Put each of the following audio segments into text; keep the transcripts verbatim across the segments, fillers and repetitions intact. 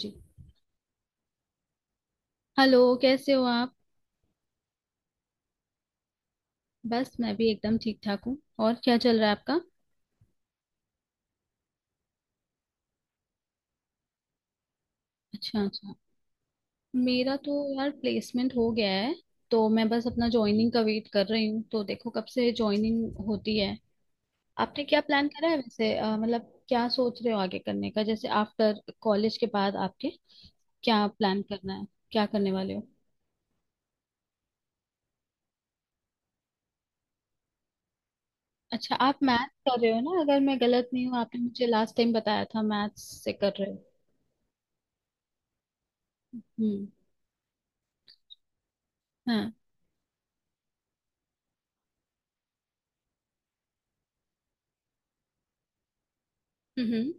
जी। Hello, कैसे हो आप? बस मैं भी एकदम ठीक ठाक हूँ। और क्या चल रहा है आपका? अच्छा, अच्छा। मेरा तो यार प्लेसमेंट हो गया है, तो मैं बस अपना ज्वाइनिंग का वेट कर रही हूँ, तो देखो कब से ज्वाइनिंग होती है। आपने क्या प्लान करा है वैसे, अ, मतलब क्या सोच रहे हो आगे करने का, जैसे आफ्टर कॉलेज के बाद आपके क्या प्लान करना है? क्या करने वाले हो? अच्छा, आप मैथ्स कर रहे हो ना, अगर मैं गलत नहीं हूँ? आपने मुझे लास्ट टाइम बताया था मैथ्स से कर रहे हो। हम्म। हाँ। हम्म। हम्म।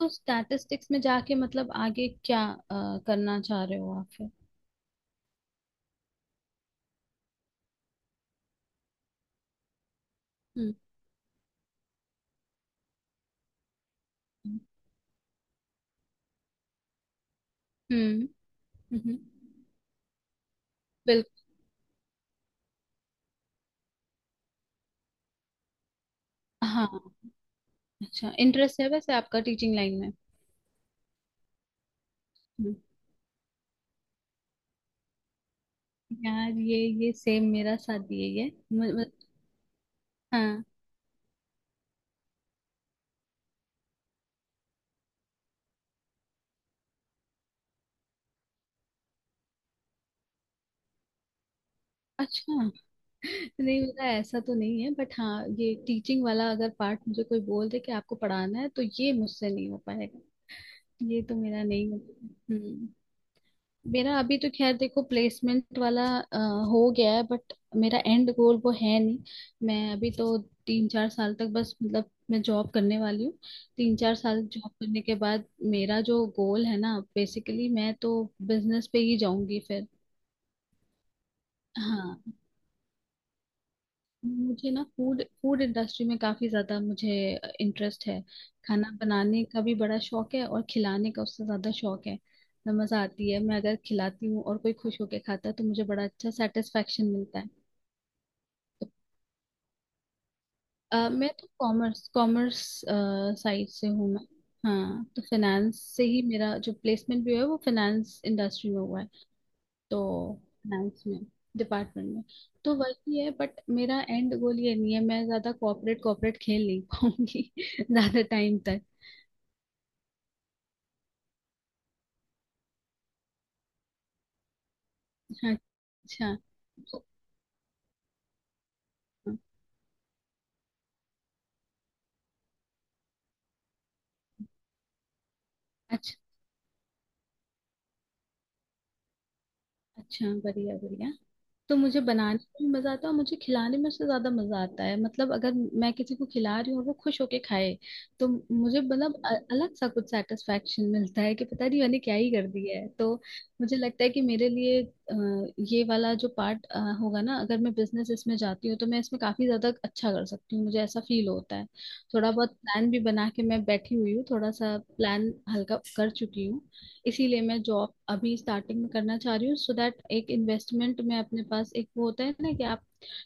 तो स्टैटिस्टिक्स में जाके मतलब आगे क्या अ, करना चाह रहे हो आप फिर? हम्म। हम्म। हम्म। बिल्कुल। हाँ। अच्छा, इंटरेस्ट है वैसे आपका टीचिंग लाइन में? हम्म। यार, ये ये सेम मेरा साथ ये है म- म- हाँ। अच्छा। नहीं, मेरा ऐसा तो नहीं है, बट हाँ, ये टीचिंग वाला अगर पार्ट मुझे कोई बोल दे कि आपको पढ़ाना है तो ये मुझसे नहीं हो पाएगा। ये तो मेरा नहीं है। हम्म। मेरा अभी तो खैर देखो, प्लेसमेंट वाला अ, हो गया है बट मेरा एंड गोल वो है नहीं। मैं अभी तो तीन चार साल तक बस मतलब मैं जॉब करने वाली हूँ। तीन चार साल जॉब करने के बाद मेरा जो गोल है ना, बेसिकली मैं तो बिजनेस पे ही जाऊंगी फिर। हाँ। मुझे ना फूड फूड इंडस्ट्री में काफी ज्यादा मुझे इंटरेस्ट है। खाना बनाने का भी बड़ा शौक है और खिलाने का उससे ज्यादा शौक है, तो मजा आती है, मैं अगर खिलाती हूँ और कोई खुश होके खाता है तो मुझे बड़ा अच्छा सेटिस्फेक्शन मिलता है। अ, मैं तो कॉमर्स कॉमर्स साइड से हूँ मैं। हाँ, तो फाइनेंस से ही मेरा जो प्लेसमेंट भी हुआ है वो फाइनेंस इंडस्ट्री में हुआ है। तो फाइनेंस में, डिपार्टमेंट में। तो वही है बट मेरा एंड गोल ये नहीं है, मैं ज्यादा कॉर्पोरेट कॉर्पोरेट खेल नहीं पाऊंगी ज्यादा टाइम तक। हाँ, अच्छा तो- हाँ। अच्छा, अच्छा। बढ़िया, बढ़िया। तो मुझे बनाने में भी मजा आता है और मुझे खिलाने में उससे ज्यादा मजा आता है, मतलब अगर मैं किसी को खिला रही हूँ और वो खुश होके खाए तो मुझे मतलब अ- अलग सा कुछ सेटिस्फेक्शन मिलता है कि पता नहीं मैंने क्या ही कर दिया है तो। मुझे लगता है कि मेरे लिए अ, ये वाला जो पार्ट होगा ना, अगर मैं बिजनेस इसमें जाती हूँ तो मैं इसमें काफी ज्यादा अच्छा कर सकती हूँ, मुझे ऐसा फील होता है। थोड़ा बहुत प्लान भी बना के मैं बैठी हुई हूँ, थोड़ा सा प्लान हल्का कर चुकी हूँ। इसीलिए मैं जॉब अभी स्टार्टिंग में करना चाह रही हूँ, सो दैट एक इन्वेस्टमेंट में अपने पास एक वो होता है ना कि आप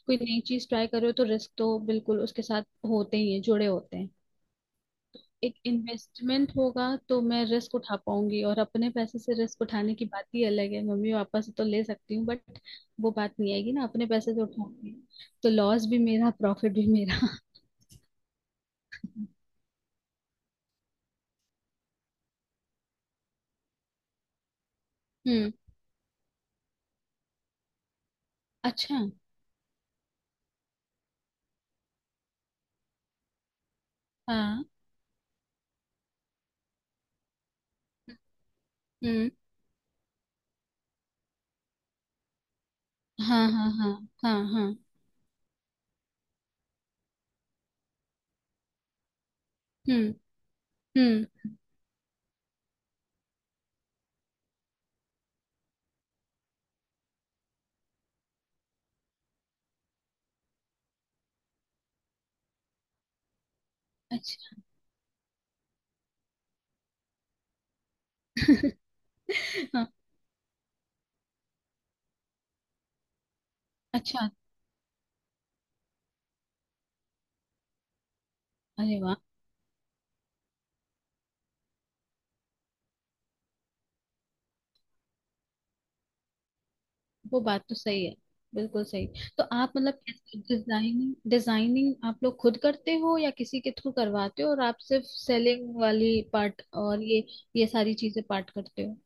कोई नई चीज ट्राई करो तो रिस्क तो बिल्कुल उसके साथ होते ही है, जुड़े होते हैं। एक इन्वेस्टमेंट होगा तो मैं रिस्क उठा पाऊंगी, और अपने पैसे से रिस्क उठाने की बात ही अलग है, मम्मी पापा से तो ले सकती हूँ बट वो बात नहीं आएगी ना, अपने पैसे से उठाऊंगी। तो लॉस भी मेरा, प्रॉफिट भी मेरा। हम्म। अच्छा। हाँ। हम्म। हाँ। हाँ। हाँ। हाँ। हाँ। हम्म। हम्म। अच्छा। अच्छा। अरे वाह, वो बात तो सही है, बिल्कुल सही। तो आप मतलब कैसे डिजाइनिंग डिजाइनिंग आप लोग खुद करते हो या किसी के थ्रू करवाते हो, और आप सिर्फ सेलिंग वाली पार्ट और ये ये सारी चीजें पार्ट करते हो?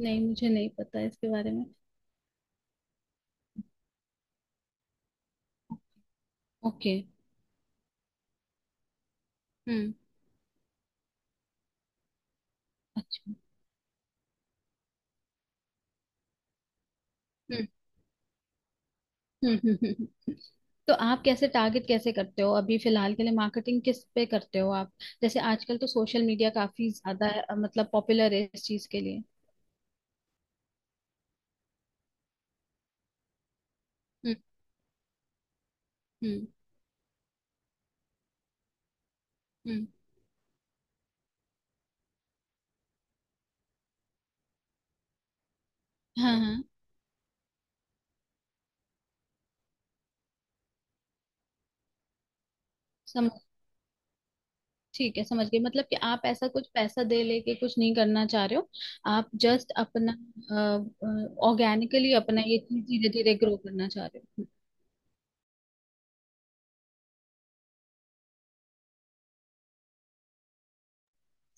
नहीं, मुझे नहीं पता इसके बारे में। ओके। हम्म। अच्छा। हम्म। हम्म। हम्म, हम्म। तो आप कैसे टारगेट कैसे करते हो अभी फिलहाल के लिए? मार्केटिंग किस पे करते हो आप? जैसे आजकल तो सोशल मीडिया काफी ज्यादा अ, मतलब पॉपुलर है इस चीज के लिए। हम्म। हम्म। हम्म। हाँ। हाँ। समझ। ठीक है, समझ गई, मतलब कि आप ऐसा कुछ पैसा दे लेके कुछ नहीं करना चाह रहे हो, आप जस्ट अपना ऑर्गेनिकली अपना ये चीज धीरे धीरे ग्रो करना चाह रहे हो।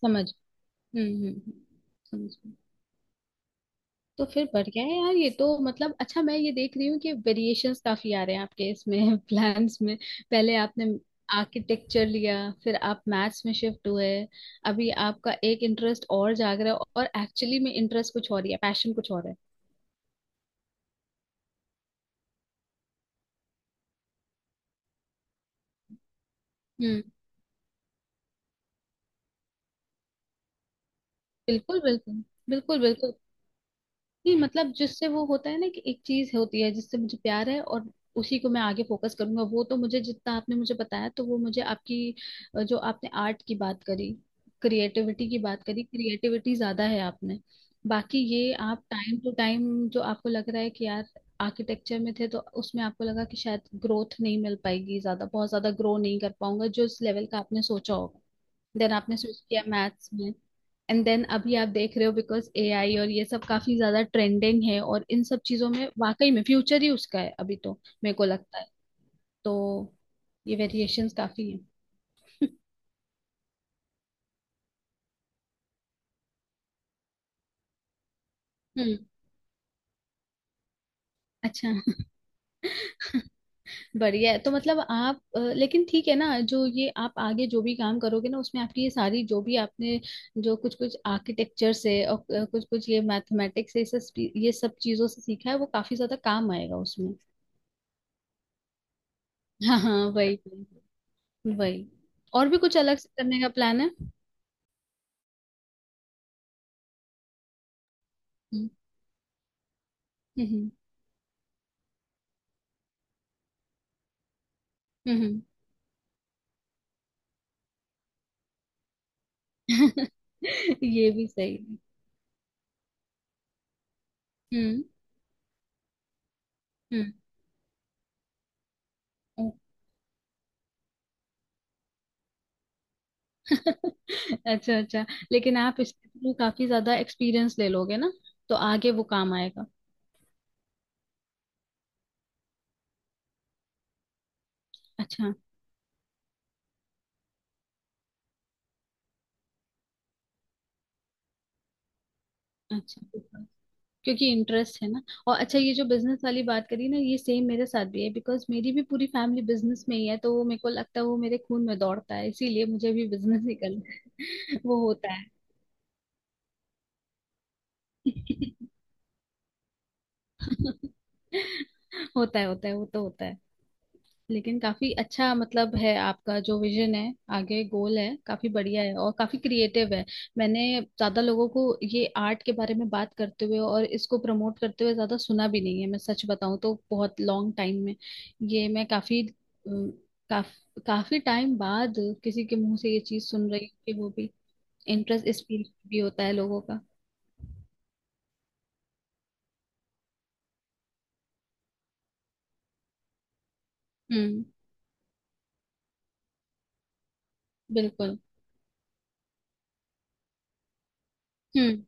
समझ। हम्म हम्म हम्म, समझ गई। तो फिर बढ़िया है यार ये तो, मतलब अच्छा मैं ये देख रही हूँ कि वेरिएशंस काफी आ रहे हैं आपके इसमें प्लान्स में। पहले आपने आर्किटेक्चर लिया, फिर आप मैथ्स में शिफ्ट हुए, अभी आपका एक इंटरेस्ट और जाग रहा है, और एक्चुअली में इंटरेस्ट कुछ और ही है, पैशन कुछ और है। हम्म, बिल्कुल बिल्कुल। बिल्कुल बिल्कुल। नहीं मतलब जिससे वो होता है ना कि एक चीज होती है जिससे मुझे प्यार है और उसी को मैं आगे फोकस करूंगा, वो तो मुझे जितना आपने मुझे बताया, तो वो मुझे आपकी अ, जो आपने आर्ट की बात करी, क्रिएटिविटी की बात करी, क्रिएटिविटी ज्यादा है आपने। बाकी ये आप टाइम टू टाइम जो आपको लग रहा है कि यार, आर्किटेक्चर में थे तो उसमें आपको लगा कि शायद ग्रोथ नहीं मिल पाएगी ज्यादा, बहुत ज्यादा ग्रो नहीं कर पाऊंगा जो इस लेवल का आपने सोचा होगा। देन आपने स्विच किया मैथ्स में, एंड देन अभी आप देख रहे हो बिकॉज ए आई और ये सब काफी ज्यादा ट्रेंडिंग है और इन सब चीजों में वाकई में फ्यूचर ही उसका है अभी, तो मेरे को लगता है। तो ये वेरिएशंस काफी है। हम्म। अच्छा। बढ़िया है। तो मतलब आप अ, लेकिन ठीक है ना, जो ये आप आगे जो भी काम करोगे ना उसमें आपकी ये सारी जो भी आपने, जो कुछ कुछ आर्किटेक्चर से और कुछ कुछ ये मैथमेटिक्स से ये सब ये सब चीजों से सीखा है वो काफी ज्यादा काम आएगा उसमें। हाँ हाँ, वही वही। वही। और भी कुछ अलग से करने का प्लान है? हम्म हम्म हम्म, हम्म। ये भी सही है। हम्म। हम्म। ओ। अच्छा, अच्छा। लेकिन आप इसके थ्रू काफी ज्यादा एक्सपीरियंस ले लोगे ना, तो आगे वो काम आएगा। अच्छा, अच्छा। क्योंकि इंटरेस्ट है ना। और अच्छा, ये जो बिजनेस वाली बात करी ना, ये सेम मेरे साथ भी है बिकॉज मेरी भी पूरी फैमिली बिजनेस में ही है, तो वो मेरे को लगता है वो मेरे खून में दौड़ता है, इसीलिए मुझे भी बिजनेस ही करना है। वो होता है। होता है होता है, वो तो होता है। लेकिन काफी अच्छा मतलब है, आपका जो विजन है आगे, गोल है, काफी बढ़िया है और काफी क्रिएटिव है। मैंने ज्यादा लोगों को ये आर्ट के बारे में बात करते हुए और इसको प्रमोट करते हुए ज्यादा सुना भी नहीं है, मैं सच बताऊं तो बहुत लॉन्ग टाइम में, ये मैं काफी अम, काफ, काफी टाइम बाद किसी के मुंह से ये चीज सुन रही हूँ कि वो भी इंटरेस्ट इस फील्ड भी होता है लोगों का। हम्म। बिल्कुल। हम्म।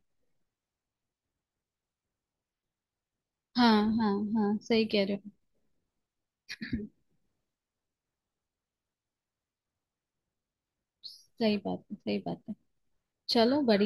हाँ, हाँ, हाँ सही कह रहे हो। सही बात है, सही बात है। चलो, बढ़िया।